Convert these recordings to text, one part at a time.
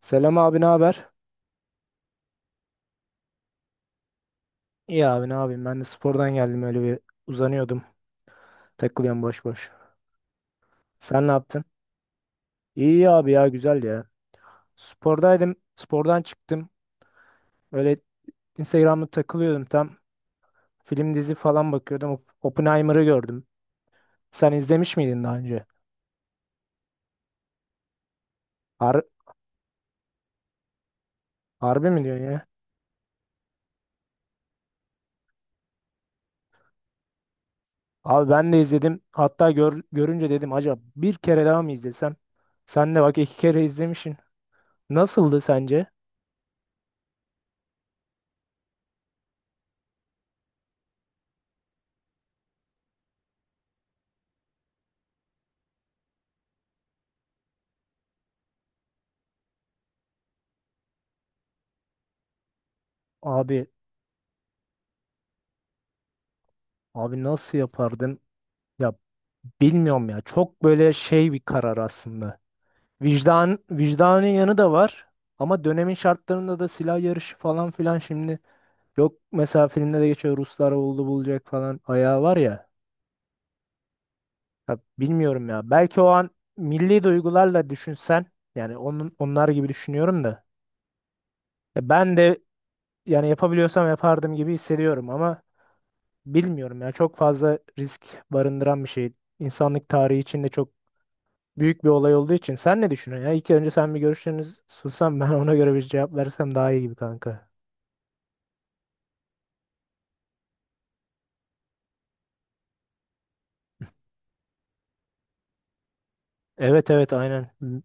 Selam abi ne haber? İyi abi ne yapayım ben de spordan geldim öyle bir uzanıyordum. Takılıyorum boş boş. Sen ne yaptın? İyi abi ya güzel ya. Spordaydım. Spordan çıktım. Öyle Instagram'da takılıyordum tam. Film dizi falan bakıyordum. Oppenheimer'ı gördüm. Sen izlemiş miydin daha önce? Har harbi mi diyorsun ya? Abi ben de izledim. Hatta görünce dedim acaba bir kere daha mı izlesem? Sen de bak iki kere izlemişsin. Nasıldı sence? Abi abi, nasıl yapardım? Ya, bilmiyorum ya. Çok böyle şey bir karar aslında. Vicdanın yanı da var. Ama dönemin şartlarında da silah yarışı falan filan şimdi yok, mesela filmde de geçiyor Ruslar oldu bulacak falan ayağı var ya. Ya bilmiyorum ya. Belki o an milli duygularla düşünsen yani onun onlar gibi düşünüyorum da. Ya ben de yani yapabiliyorsam yapardım gibi hissediyorum ama bilmiyorum ya. Çok fazla risk barındıran bir şey. İnsanlık tarihi içinde çok büyük bir olay olduğu için. Sen ne düşünüyorsun ya? İlk önce sen bir görüşlerini sunsan ben ona göre bir cevap versem daha iyi gibi kanka. Evet evet aynen. Hı.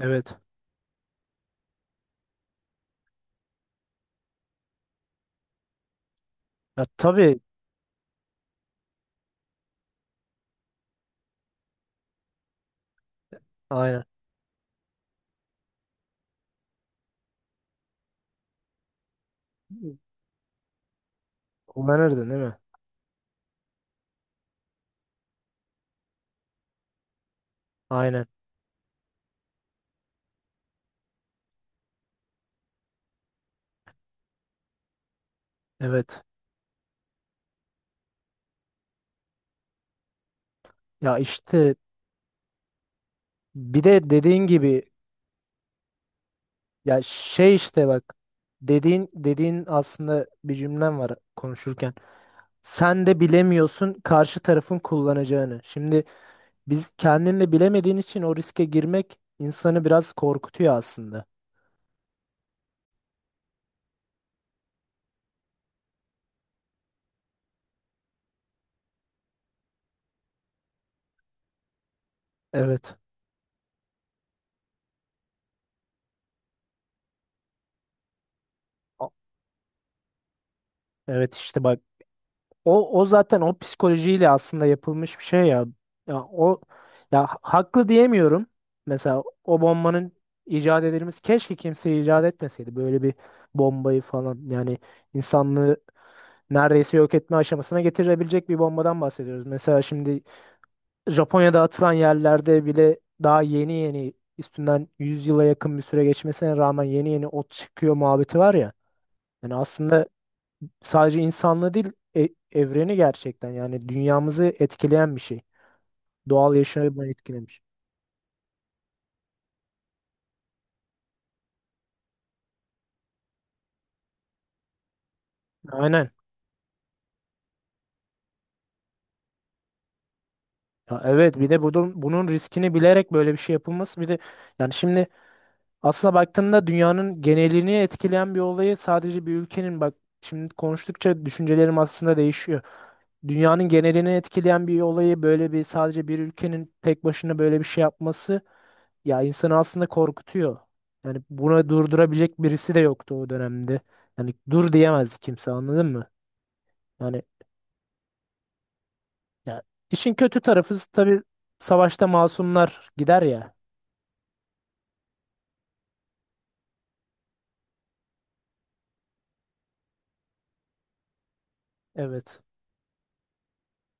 Evet. Ya tabii aynen. Kullanırdın değil mi? Aynen. Evet. Ya işte bir de dediğin gibi ya şey işte bak dediğin aslında bir cümlem var konuşurken. Sen de bilemiyorsun karşı tarafın kullanacağını. Şimdi biz kendin de bilemediğin için o riske girmek insanı biraz korkutuyor aslında. Evet. O- Evet, işte bak o zaten o psikolojiyle aslında yapılmış bir şey ya. Ya o ya haklı diyemiyorum. Mesela o bombanın icat edilmesi, keşke kimse icat etmeseydi böyle bir bombayı falan. Yani insanlığı neredeyse yok etme aşamasına getirebilecek bir bombadan bahsediyoruz. Mesela şimdi Japonya'da atılan yerlerde bile daha yeni yeni üstünden 100 yıla yakın bir süre geçmesine rağmen yeni yeni ot çıkıyor muhabbeti var ya. Yani aslında sadece insanlığı değil evreni gerçekten yani dünyamızı etkileyen bir şey. Doğal yaşamı etkilemiş. Aynen. Ya evet, bir de bunun riskini bilerek böyle bir şey yapılması, bir de yani şimdi aslına baktığında dünyanın genelini etkileyen bir olayı sadece bir ülkenin bak, şimdi konuştukça düşüncelerim aslında değişiyor. Dünyanın genelini etkileyen bir olayı böyle bir sadece bir ülkenin tek başına böyle bir şey yapması, ya insanı aslında korkutuyor. Yani buna durdurabilecek birisi de yoktu o dönemde. Yani dur diyemezdi kimse, anladın mı? Yani ya işin kötü tarafı, tabii savaşta masumlar gider ya. Evet.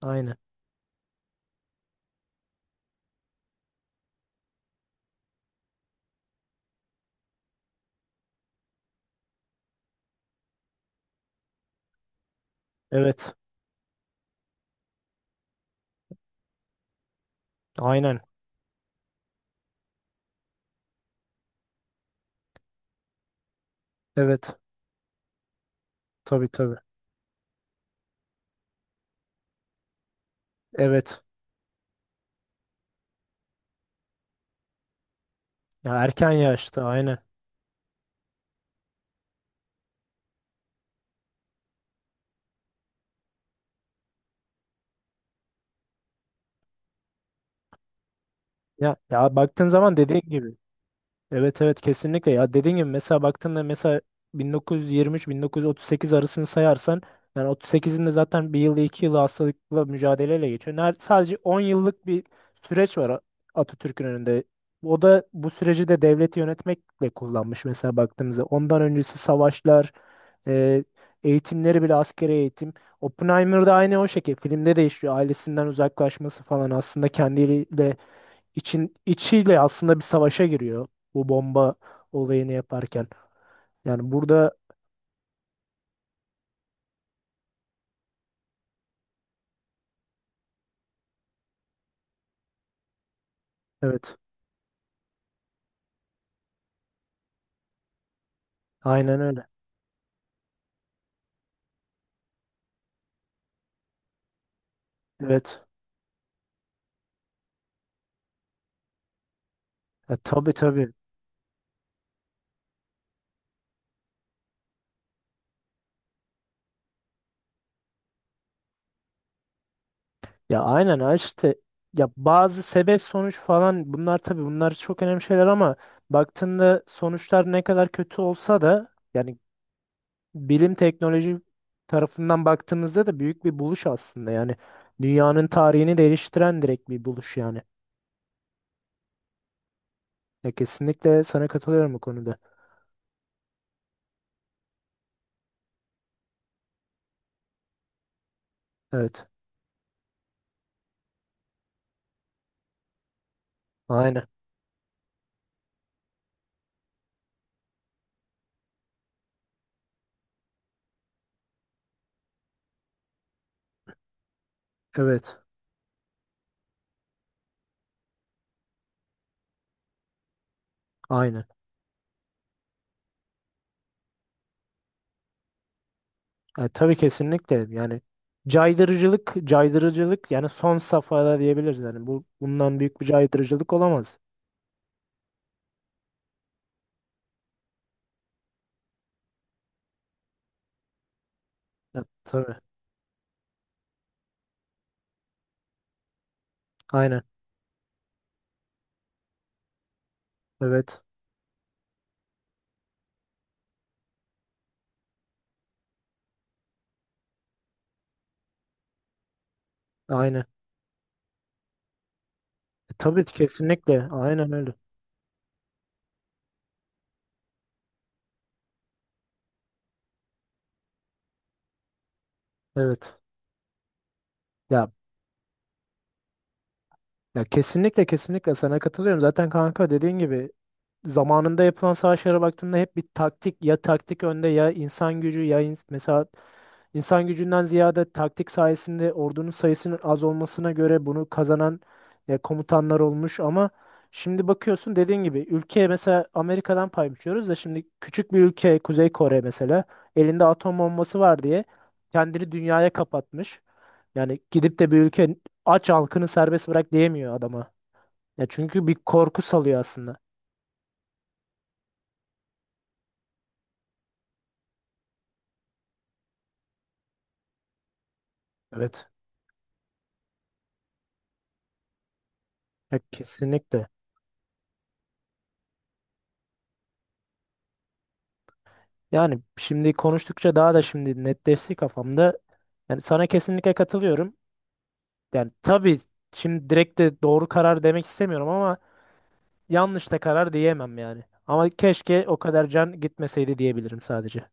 Aynen. Evet. Aynen. Evet. Tabii tabii. Evet. Ya erken yaşta aynen. Ya, ya baktığın zaman dediğin gibi. Evet evet kesinlikle, ya dediğim gibi mesela baktığında mesela 1923-1938 arasını sayarsan yani 38'in de zaten bir yılı 2 yılı hastalıkla mücadeleyle geçiyor. Sadece 10 yıllık bir süreç var Atatürk'ün önünde. O da bu süreci de devleti yönetmekle kullanmış mesela baktığımızda. Ondan öncesi savaşlar, e, eğitimleri bile askeri eğitim. Oppenheimer'da aynı o şekilde filmde de işliyor, ailesinden uzaklaşması falan aslında kendiyle içiyle aslında bir savaşa giriyor bu bomba olayını yaparken. Yani burada evet aynen öyle. Evet. Ya, tabii tabii. Ya aynen ha işte ya bazı sebep sonuç falan, bunlar tabii bunlar çok önemli şeyler ama baktığında sonuçlar ne kadar kötü olsa da yani bilim teknoloji tarafından baktığımızda da büyük bir buluş aslında yani dünyanın tarihini değiştiren direkt bir buluş yani. Ya kesinlikle sana katılıyorum bu konuda. Evet. Aynen. Evet. Aynen. Tabii kesinlikle yani caydırıcılık caydırıcılık, yani son safhada diyebiliriz yani bu bundan büyük bir caydırıcılık olamaz. Ya, tabii. Aynen. Evet. Aynen. Tabii kesinlikle. Aynen öyle. Evet. Ya ya, kesinlikle kesinlikle sana katılıyorum. Zaten kanka dediğin gibi zamanında yapılan savaşlara baktığında hep bir taktik ya taktik önde ya insan gücü ya mesela insan gücünden ziyade taktik sayesinde ordunun sayısının az olmasına göre bunu kazanan komutanlar olmuş ama şimdi bakıyorsun dediğin gibi ülkeye mesela Amerika'dan pay biçiyoruz da, şimdi küçük bir ülke Kuzey Kore mesela elinde atom bombası var diye kendini dünyaya kapatmış. Yani gidip de bir ülke aç halkını serbest bırak diyemiyor adama. Ya çünkü bir korku salıyor aslında. Evet. Ya kesinlikle. Yani şimdi konuştukça daha da şimdi netleşti kafamda. Yani sana kesinlikle katılıyorum. Yani tabii şimdi direkt de doğru karar demek istemiyorum ama yanlış da karar diyemem yani. Ama keşke o kadar can gitmeseydi diyebilirim sadece.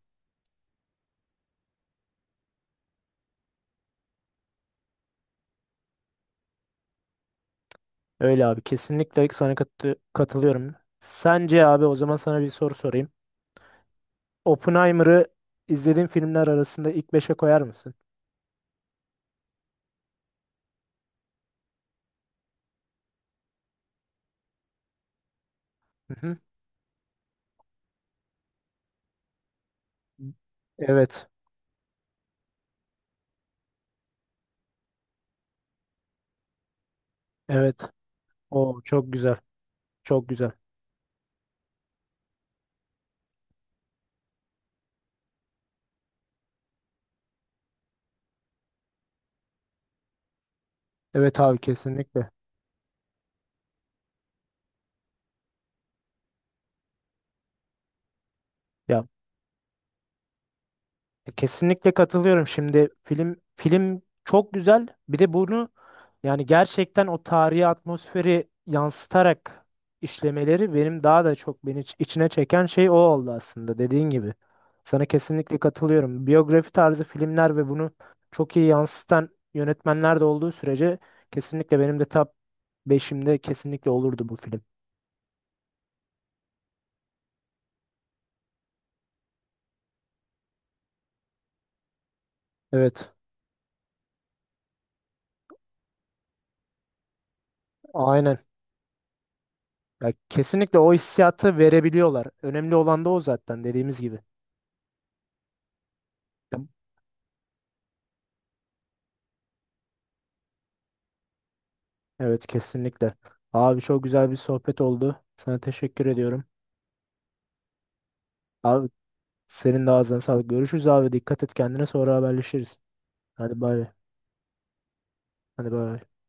Öyle abi kesinlikle sana katılıyorum. Sence abi o zaman sana bir soru sorayım. Oppenheimer'ı izlediğin filmler arasında ilk beşe koyar mısın? Hı hı. Evet. Evet. O çok güzel. Çok güzel. Evet abi kesinlikle. Ya kesinlikle katılıyorum. Şimdi film çok güzel. Bir de bunu yani gerçekten o tarihi atmosferi yansıtarak işlemeleri, benim daha da çok beni içine çeken şey o oldu aslında dediğin gibi. Sana kesinlikle katılıyorum. Biyografi tarzı filmler ve bunu çok iyi yansıtan yönetmenler de olduğu sürece kesinlikle benim de top beşimde kesinlikle olurdu bu film. Evet. Aynen. Ya kesinlikle o hissiyatı verebiliyorlar. Önemli olan da o zaten dediğimiz gibi. Ya, evet kesinlikle. Abi çok güzel bir sohbet oldu. Sana teşekkür ediyorum. Abi senin de ağzına sağlık. Görüşürüz abi. Dikkat et kendine sonra haberleşiriz. Hadi bay bay. Hadi bay bay.